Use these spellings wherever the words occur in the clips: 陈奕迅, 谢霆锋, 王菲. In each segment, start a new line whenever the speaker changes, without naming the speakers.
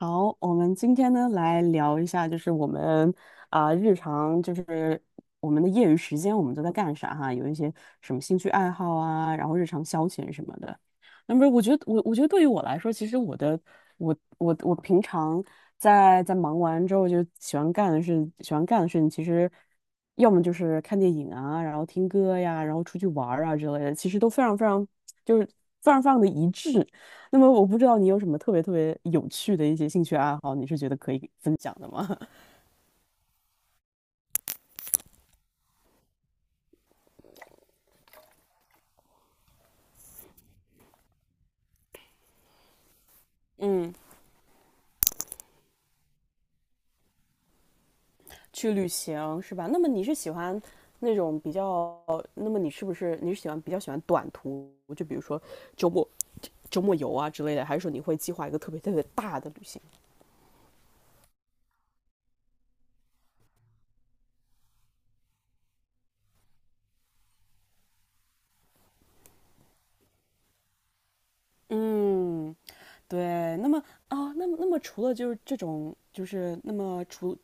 好，我们今天呢来聊一下，就是我们啊、日常就是我们的业余时间我们都在干啥哈，有一些什么兴趣爱好啊，然后日常消遣什么的。那么我觉得对于我来说，其实我的我我我平常在忙完之后就喜欢干的事，喜欢干的事情其实要么就是看电影啊，然后听歌呀，然后出去玩儿啊之类的，其实都就是非常非常的一致。那么我不知道你有什么特别特别有趣的一些兴趣爱好，你是觉得可以分享的吗？嗯，去旅行是吧？那么你是喜欢那种比较，那么你是不是你是喜欢比较喜欢短途，就比如说周末周末游啊之类的，还是说你会计划一个特别特别大的旅行？嗯，对。那么啊，那么那么除了就是这种，就是那么除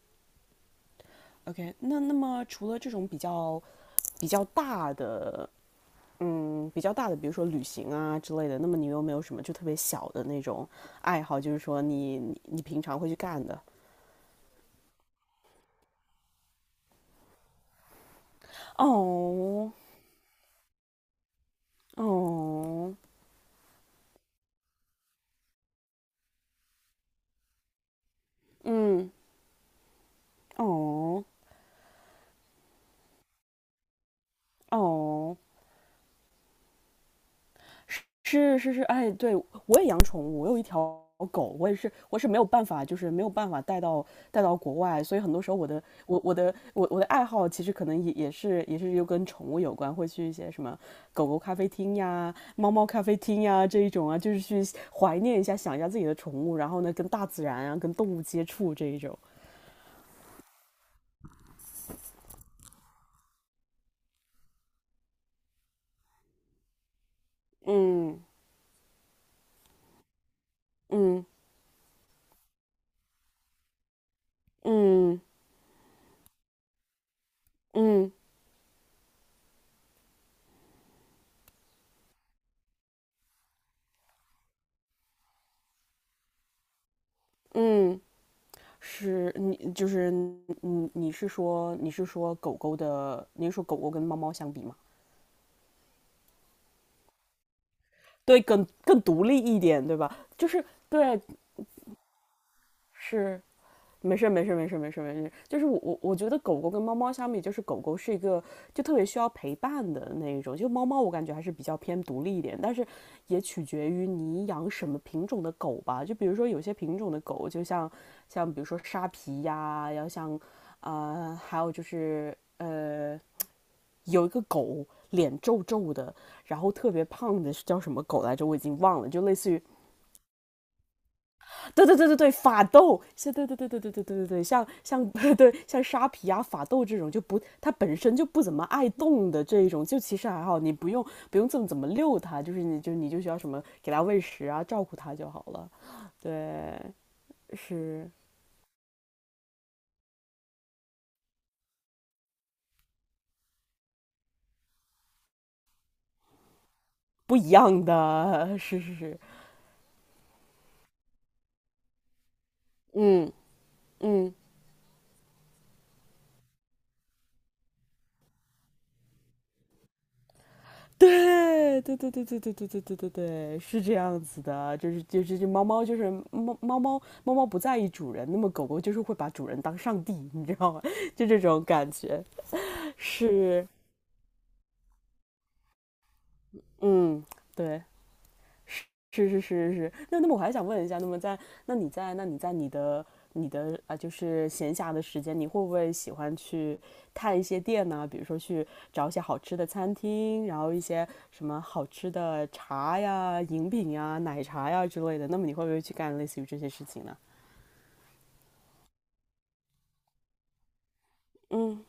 OK，那除了这种比较大的比较大的，比如说旅行啊之类的，那么你有没有什么就特别小的那种爱好，就是说你平常会去干的？哦哦，嗯哦哦。是是是，哎，对，我也养宠物，我有一条狗，我也是，我是没有办法，就是没有办法带到带到国外，所以很多时候我的爱好其实可能也是跟宠物有关，会去一些什么狗狗咖啡厅呀、猫猫咖啡厅呀这一种啊，就是去怀念一下、想一下自己的宠物，然后呢跟大自然啊、跟动物接触这一种。嗯嗯嗯嗯嗯嗯。嗯嗯是你就是你你是说你是说狗狗的，你是说狗狗跟猫猫相比吗？对，更独立一点，对吧？就是对，是没事儿没事儿没事儿没事儿没事儿，就是我觉得狗狗跟猫猫相比，就是狗狗是一个就特别需要陪伴的那一种，就猫猫我感觉还是比较偏独立一点，但是也取决于你养什么品种的狗吧。就比如说有些品种的狗，就像比如说沙皮呀，然后像呃还有就是呃有一个狗脸皱皱的，然后特别胖的是叫什么狗来着？我已经忘了，就类似于对对对对对，法斗，是，对对对对对对对对对，像沙皮啊、法斗这种就不，它本身就不怎么爱动的这一种，就其实还好，你不用这么怎么遛它，就是你就需要什么给它喂食啊、照顾它就好了。对，是不一样的，是是是，嗯嗯，对对对对对对对对对对对，是这样子的，就是猫猫不在意主人，那么狗狗就是会把主人当上帝，你知道吗？就这种感觉是，嗯，对，是是是是是，那那么我还想问一下，那么在那你在那你在你的你的啊，就是闲暇的时间，你会不会喜欢去探一些店呢？比如说去找一些好吃的餐厅，然后一些什么好吃的茶呀、饮品呀、奶茶呀之类的。那么你会不会去干类似于这些事情呢？嗯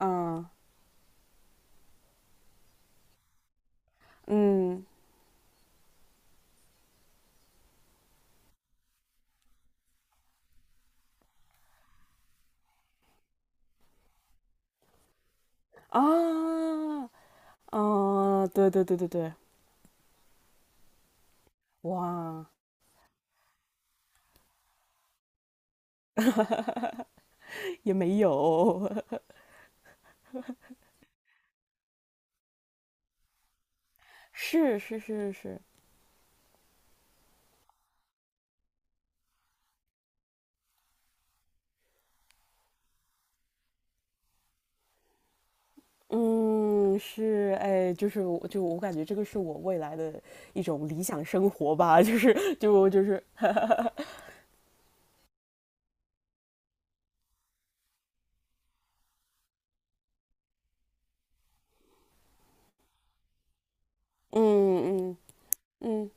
嗯嗯啊啊，对对对对对，哇，也没有，是是是是，嗯，是，哎，就是我，就我感觉这个是我未来的一种理想生活吧，就是就就是，嗯嗯嗯，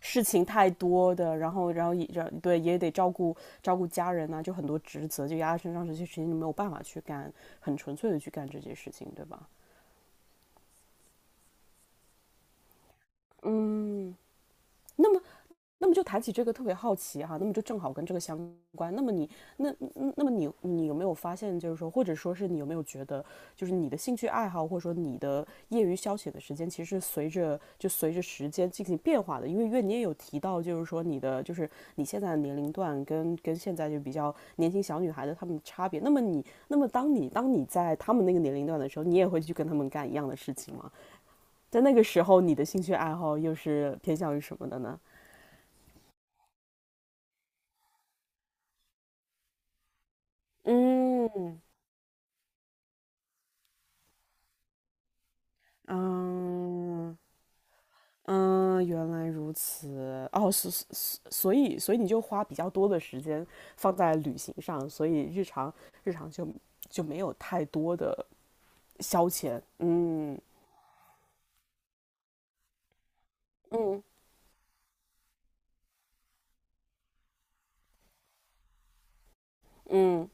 事情太多的，然后也这对也得照顾家人呐、就很多职责就压在身上，这些事情就没有办法去干，很纯粹的去干这些事情，对吧？嗯，那么。那么就谈起这个特别好奇哈、啊那么就正好跟这个相关。那么你有没有发现，就是说，或者说是你有没有觉得，就是你的兴趣爱好，或者说你的业余消遣的时间，其实随着时间进行变化的？因为你也有提到，就是说你的就是你现在的年龄段跟跟现在就比较年轻小女孩的她们的差别。那么当你在她们那个年龄段的时候，你也会去跟她们干一样的事情吗？在那个时候，你的兴趣爱好又是偏向于什么的呢？嗯，嗯嗯，原来如此。哦，所以你就花比较多的时间放在旅行上，所以日常就就没有太多的消遣。嗯嗯嗯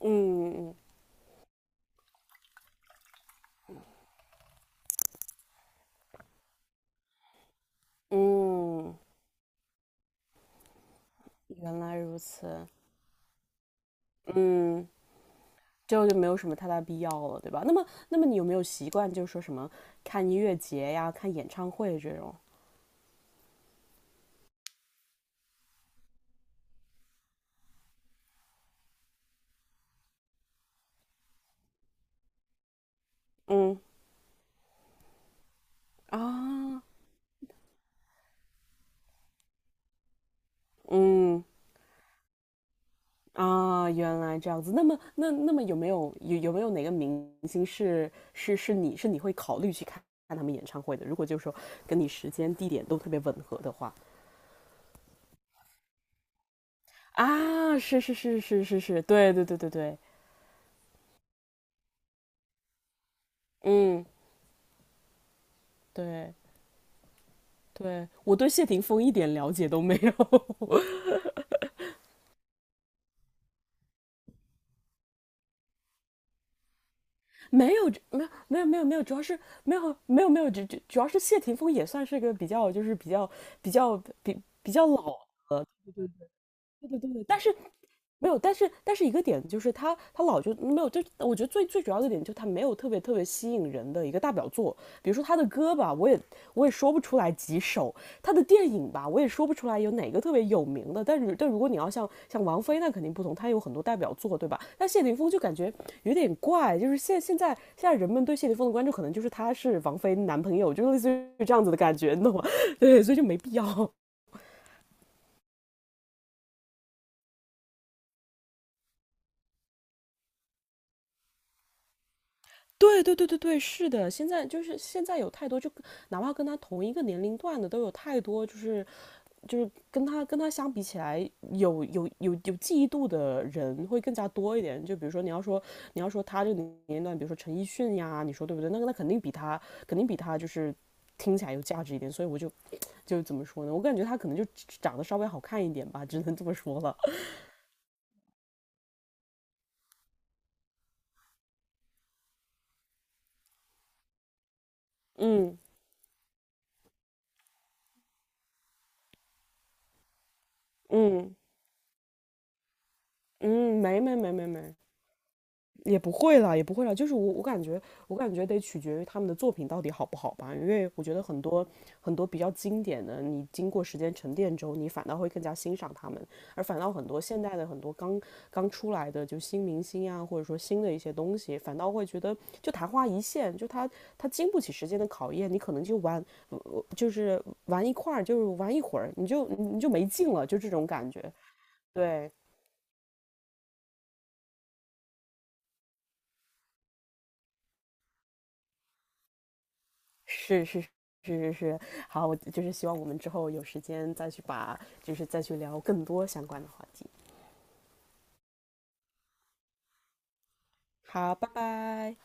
嗯嗯，原来如此。嗯，就就没有什么太大必要了，对吧？那么那么你有没有习惯，就是说什么看音乐节呀、看演唱会这种？嗯啊，嗯啊，原来这样子。那么，那那么有没有哪个明星是你会考虑去看看他们演唱会的？如果就是说跟你时间地点都特别吻合的话，啊，是是是是是是，对对对对对，嗯，对对，我对谢霆锋一点了解都没有，没有没有没有没有没有，主要是没有没有没有，主要是谢霆锋也算是个比较比较比较老的。但是没有，但是但是一个点就是他他老就没有，就我觉得最最主要的点就是他没有特别特别吸引人的一个大表作，比如说他的歌吧，我也说不出来几首，他的电影吧，我也说不出来有哪个特别有名的，但是但如果你要像王菲那肯定不同，他有很多代表作，对吧？但谢霆锋就感觉有点怪，就是现在人们对谢霆锋的关注可能就是他是王菲男朋友，就是类似于这样子的感觉，你懂吗？对，所以就没必要。对对对对对，是的，现在有太多，就哪怕跟他同一个年龄段的，都有太多，就是跟他相比起来，有记忆度的人会更加多一点。就比如说你要说他这个年龄段，比如说陈奕迅呀，你说对不对？那个那肯定比他就是听起来有价值一点。所以我就 就怎么说呢？我感觉他可能就长得稍微好看一点吧，只能这么说了。嗯嗯嗯，没没没没没。也不会啦，也不会啦，我感觉得取决于他们的作品到底好不好吧，因为我觉得很多比较经典的，你经过时间沉淀之后，你反倒会更加欣赏他们，而反倒很多现代的很多刚出来的就新明星啊，或者说新的一些东西，反倒会觉得就昙花一现，就他经不起时间的考验，你可能就玩，呃就是玩一块儿，就是玩一会儿，你就没劲了，就这种感觉，对。是是是是是，好，我就是希望我们之后有时间再去把，就是再去聊更多相关的话题。好，拜拜。